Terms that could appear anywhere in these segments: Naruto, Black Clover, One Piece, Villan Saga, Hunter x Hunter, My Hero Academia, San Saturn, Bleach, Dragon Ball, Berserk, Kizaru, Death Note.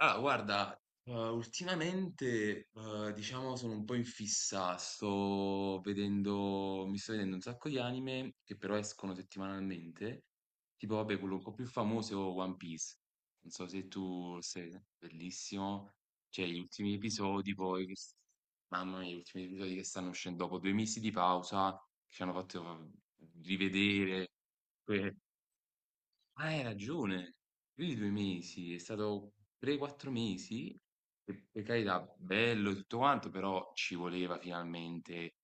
Allora, guarda, ultimamente, diciamo, sono un po' in fissa, mi sto vedendo un sacco di anime che però escono settimanalmente, tipo, vabbè, quello un po' più famoso è One Piece, non so se tu sei bellissimo. Cioè gli ultimi episodi poi, mamma mia, gli ultimi episodi che stanno uscendo dopo 2 mesi di pausa, che ci hanno fatto rivedere. Ah, hai ragione, più di 2 mesi, è stato 3-4 mesi, e per carità, bello e tutto quanto, però ci voleva finalmente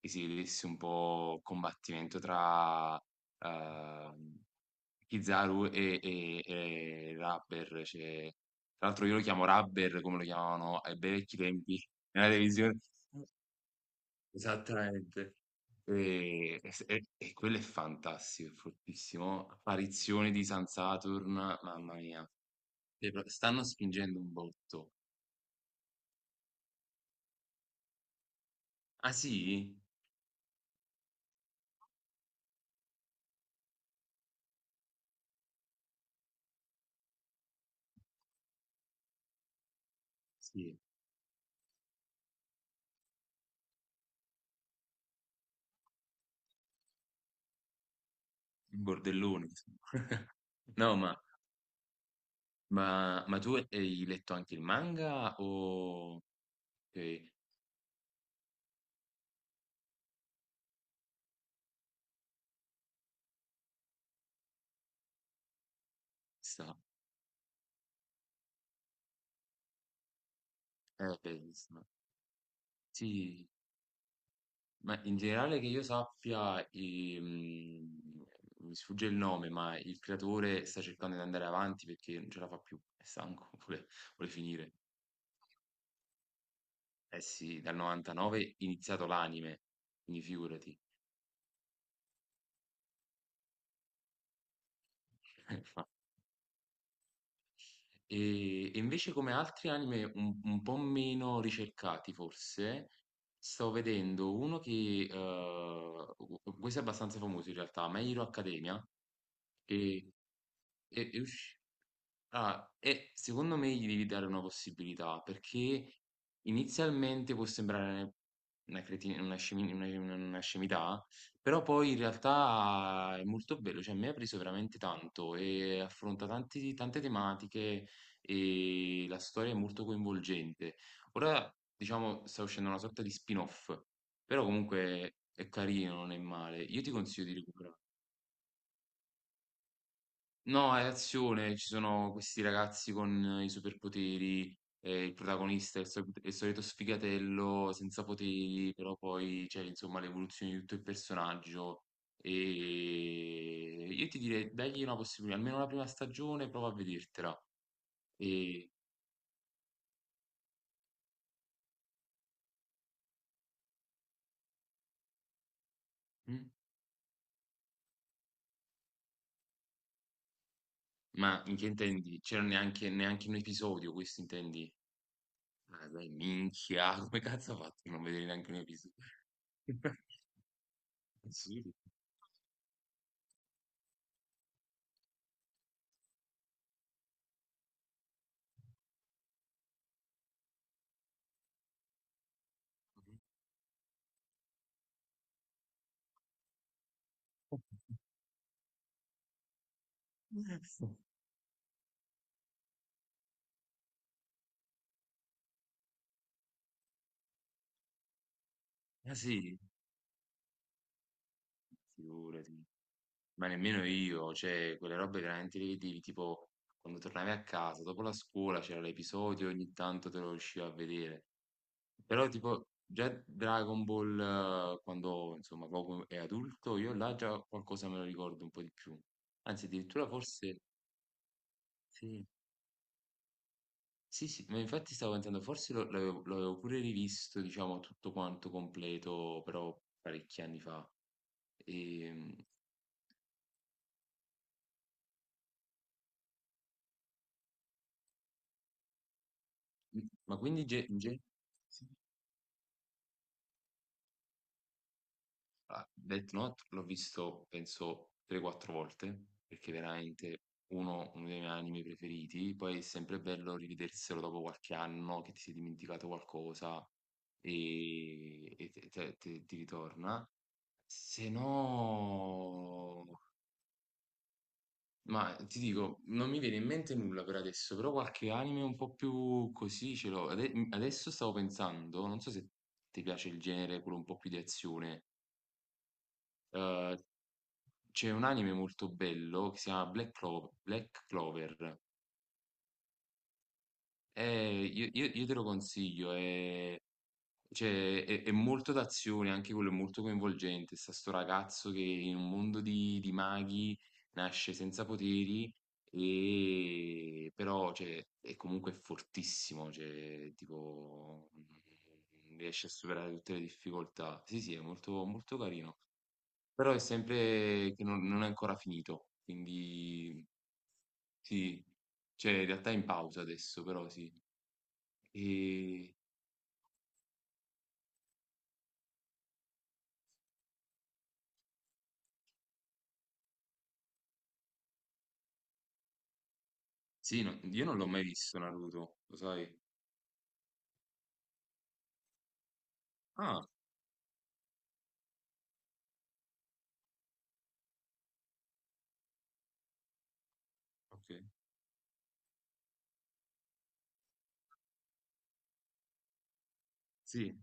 che si vedesse un po' il combattimento tra ehm, Kizaru e Rubber, cioè, tra l'altro io lo chiamo Rubber come lo chiamavano ai bei vecchi tempi nella televisione. Esattamente. E s e quello è fantastico, è fortissimo. Apparizione di San Saturn, mamma mia. E pro Stanno spingendo un botto. Ah sì? Sì, un bordellone. No, ma tu hai letto anche il manga o okay, sta bellissimo. Sì. Ma in generale che io sappia, mi sfugge il nome, ma il creatore sta cercando di andare avanti perché non ce la fa più, è stanco, vuole finire. Eh sì, dal 99 è iniziato l'anime, quindi figurati. E invece come altri anime un po' meno ricercati forse, sto vedendo uno che, questo è abbastanza famoso in realtà, My Hero Academia, che è usci- ah, e secondo me gli devi dare una possibilità, perché inizialmente può sembrare una cretina, una scemità, però poi in realtà è molto bello, cioè mi ha preso veramente tanto e affronta tante tematiche e la storia è molto coinvolgente. Ora, diciamo, sta uscendo una sorta di spin-off, però comunque è carino, non è male. Io ti consiglio di recuperare. No, è azione, ci sono questi ragazzi con i superpoteri, il protagonista è è il solito sfigatello senza poteri, però poi c'è insomma l'evoluzione di tutto il personaggio e io ti direi dagli una possibilità, almeno la prima stagione, prova a vedertela. E... Mm? Ma in che intendi? C'era neanche un episodio, questo intendi? Ah, dai, minchia, come cazzo ha fatto a non vedere neanche un episodio? Assurdo. Ma sì, figurati. Ma nemmeno io, cioè, quelle robe veramente le vedevi, tipo, quando tornavi a casa, dopo la scuola c'era l'episodio, ogni tanto te lo riuscivo a vedere. Però, tipo, già Dragon Ball, quando, insomma, proprio è adulto, io là già qualcosa me lo ricordo un po' di più. Anzi, addirittura forse... Sì, sì, sì, ma infatti stavo pensando, l'avevo pure rivisto, diciamo, tutto quanto completo, però parecchi anni fa. Ehm, Ma quindi Death Note l'ho visto, penso, 3-4 volte, perché veramente uno dei miei anime preferiti. Poi è sempre bello rivederselo dopo qualche anno che ti sei dimenticato qualcosa e ti ritorna. Se no... Ma ti dico, non mi viene in mente nulla per adesso, però qualche anime un po' più così ce l'ho. Adesso stavo pensando, non so se ti piace il genere quello un po' più di azione. eh, C'è un anime molto bello che si chiama Black Clover. E io te lo consiglio, cioè, è molto d'azione, anche quello è molto coinvolgente. Sta Sto ragazzo che in un mondo di maghi nasce senza poteri, e, però cioè, è comunque fortissimo, cioè, tipo, riesce a superare tutte le difficoltà. Sì, sì, è molto molto carino. Però è sempre che non è ancora finito, quindi sì, cioè in realtà è in pausa adesso, però sì. E sì, io non l'ho mai visto Naruto, lo sai? Ah, ok, sì.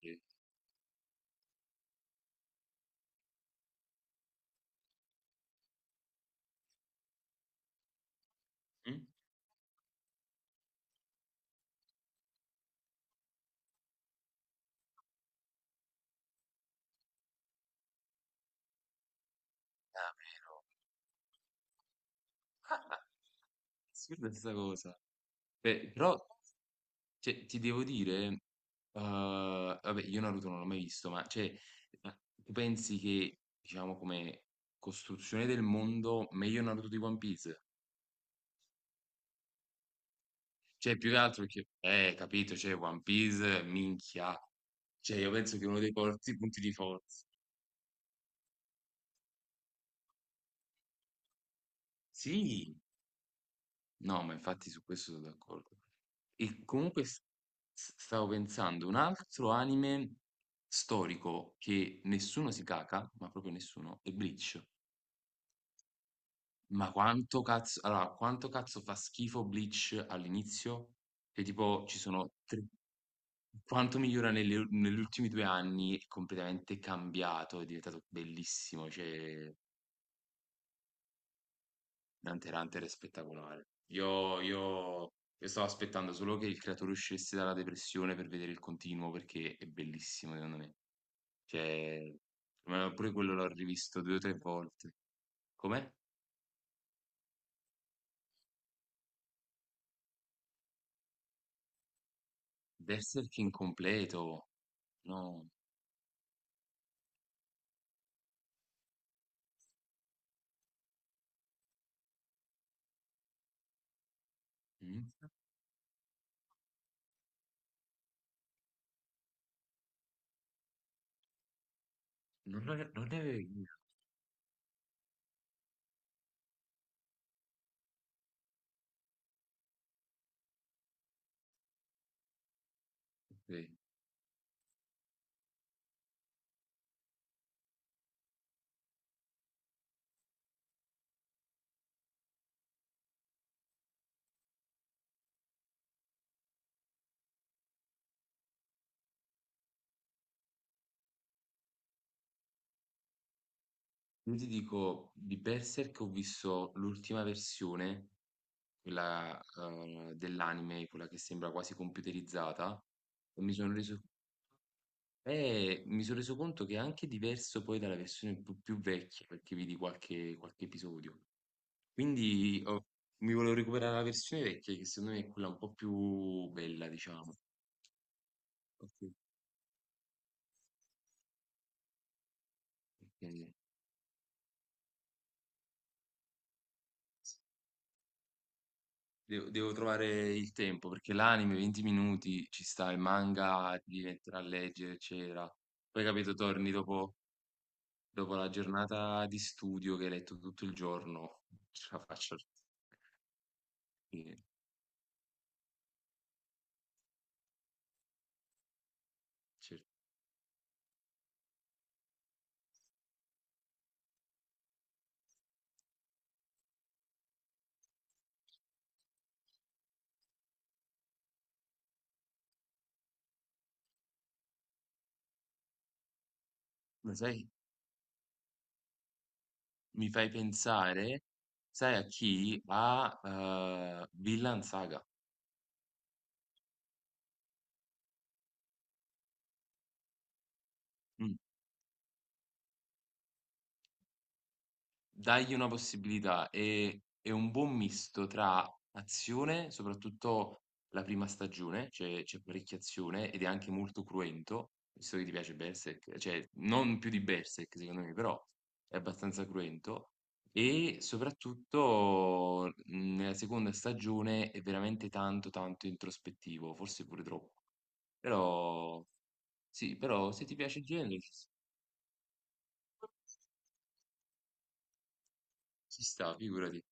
Sì. Mm? Ah, vero. Ah, ah, assurda questa cosa. Beh, però cioè, ti devo dire, vabbè, io Naruto non l'ho mai visto, ma cioè, ma tu pensi che, diciamo, come costruzione del mondo, meglio Naruto di One Piece? Cioè, più che altro che, capito, cioè, One Piece, minchia. Cioè, io penso che è uno dei forti punti di forza. Sì, no, ma infatti su questo sono d'accordo. E comunque stavo pensando, un altro anime storico che nessuno si caca, ma proprio nessuno, è Bleach. Ma quanto cazzo, allora, quanto cazzo fa schifo Bleach all'inizio? Che tipo ci sono tre. Quanto migliora negli ultimi 2 anni è completamente cambiato, è diventato bellissimo, cioè Hunter x Hunter è spettacolare. Io stavo aspettando solo che il creatore uscisse dalla depressione per vedere il continuo perché è bellissimo secondo me. Cioè, ma pure quello l'ho rivisto 2 o 3 volte. Com'è? Berserk incompleto. No, mh? Non ne avevo idea. Ok. Io ti dico, di Berserk ho visto l'ultima versione quella dell'anime, quella che sembra quasi computerizzata, e mi sono reso, mi sono reso conto che è anche diverso poi dalla versione più vecchia, perché vidi qualche episodio. Quindi ho- Mi volevo recuperare la versione vecchia, che secondo me è quella un po' più bella, diciamo. Ok. Perché Devo trovare il tempo, perché l'anime 20 minuti ci sta, il manga ti devi mettere a leggere, eccetera. Poi capito, torni dopo la giornata di studio che hai letto tutto il giorno, ce la faccio alla fine. Cioè, ma sai, mi fai pensare, sai a chi? A Villan Saga. Mm. Dagli una possibilità, è un buon misto tra azione, soprattutto la prima stagione, c'è parecchia azione ed è anche molto cruento, visto che ti piace Berserk, cioè non più di Berserk secondo me, però è abbastanza cruento, e soprattutto nella seconda stagione è veramente tanto tanto introspettivo, forse pure troppo, però sì, però se ti piace il genere ci sta, figurati.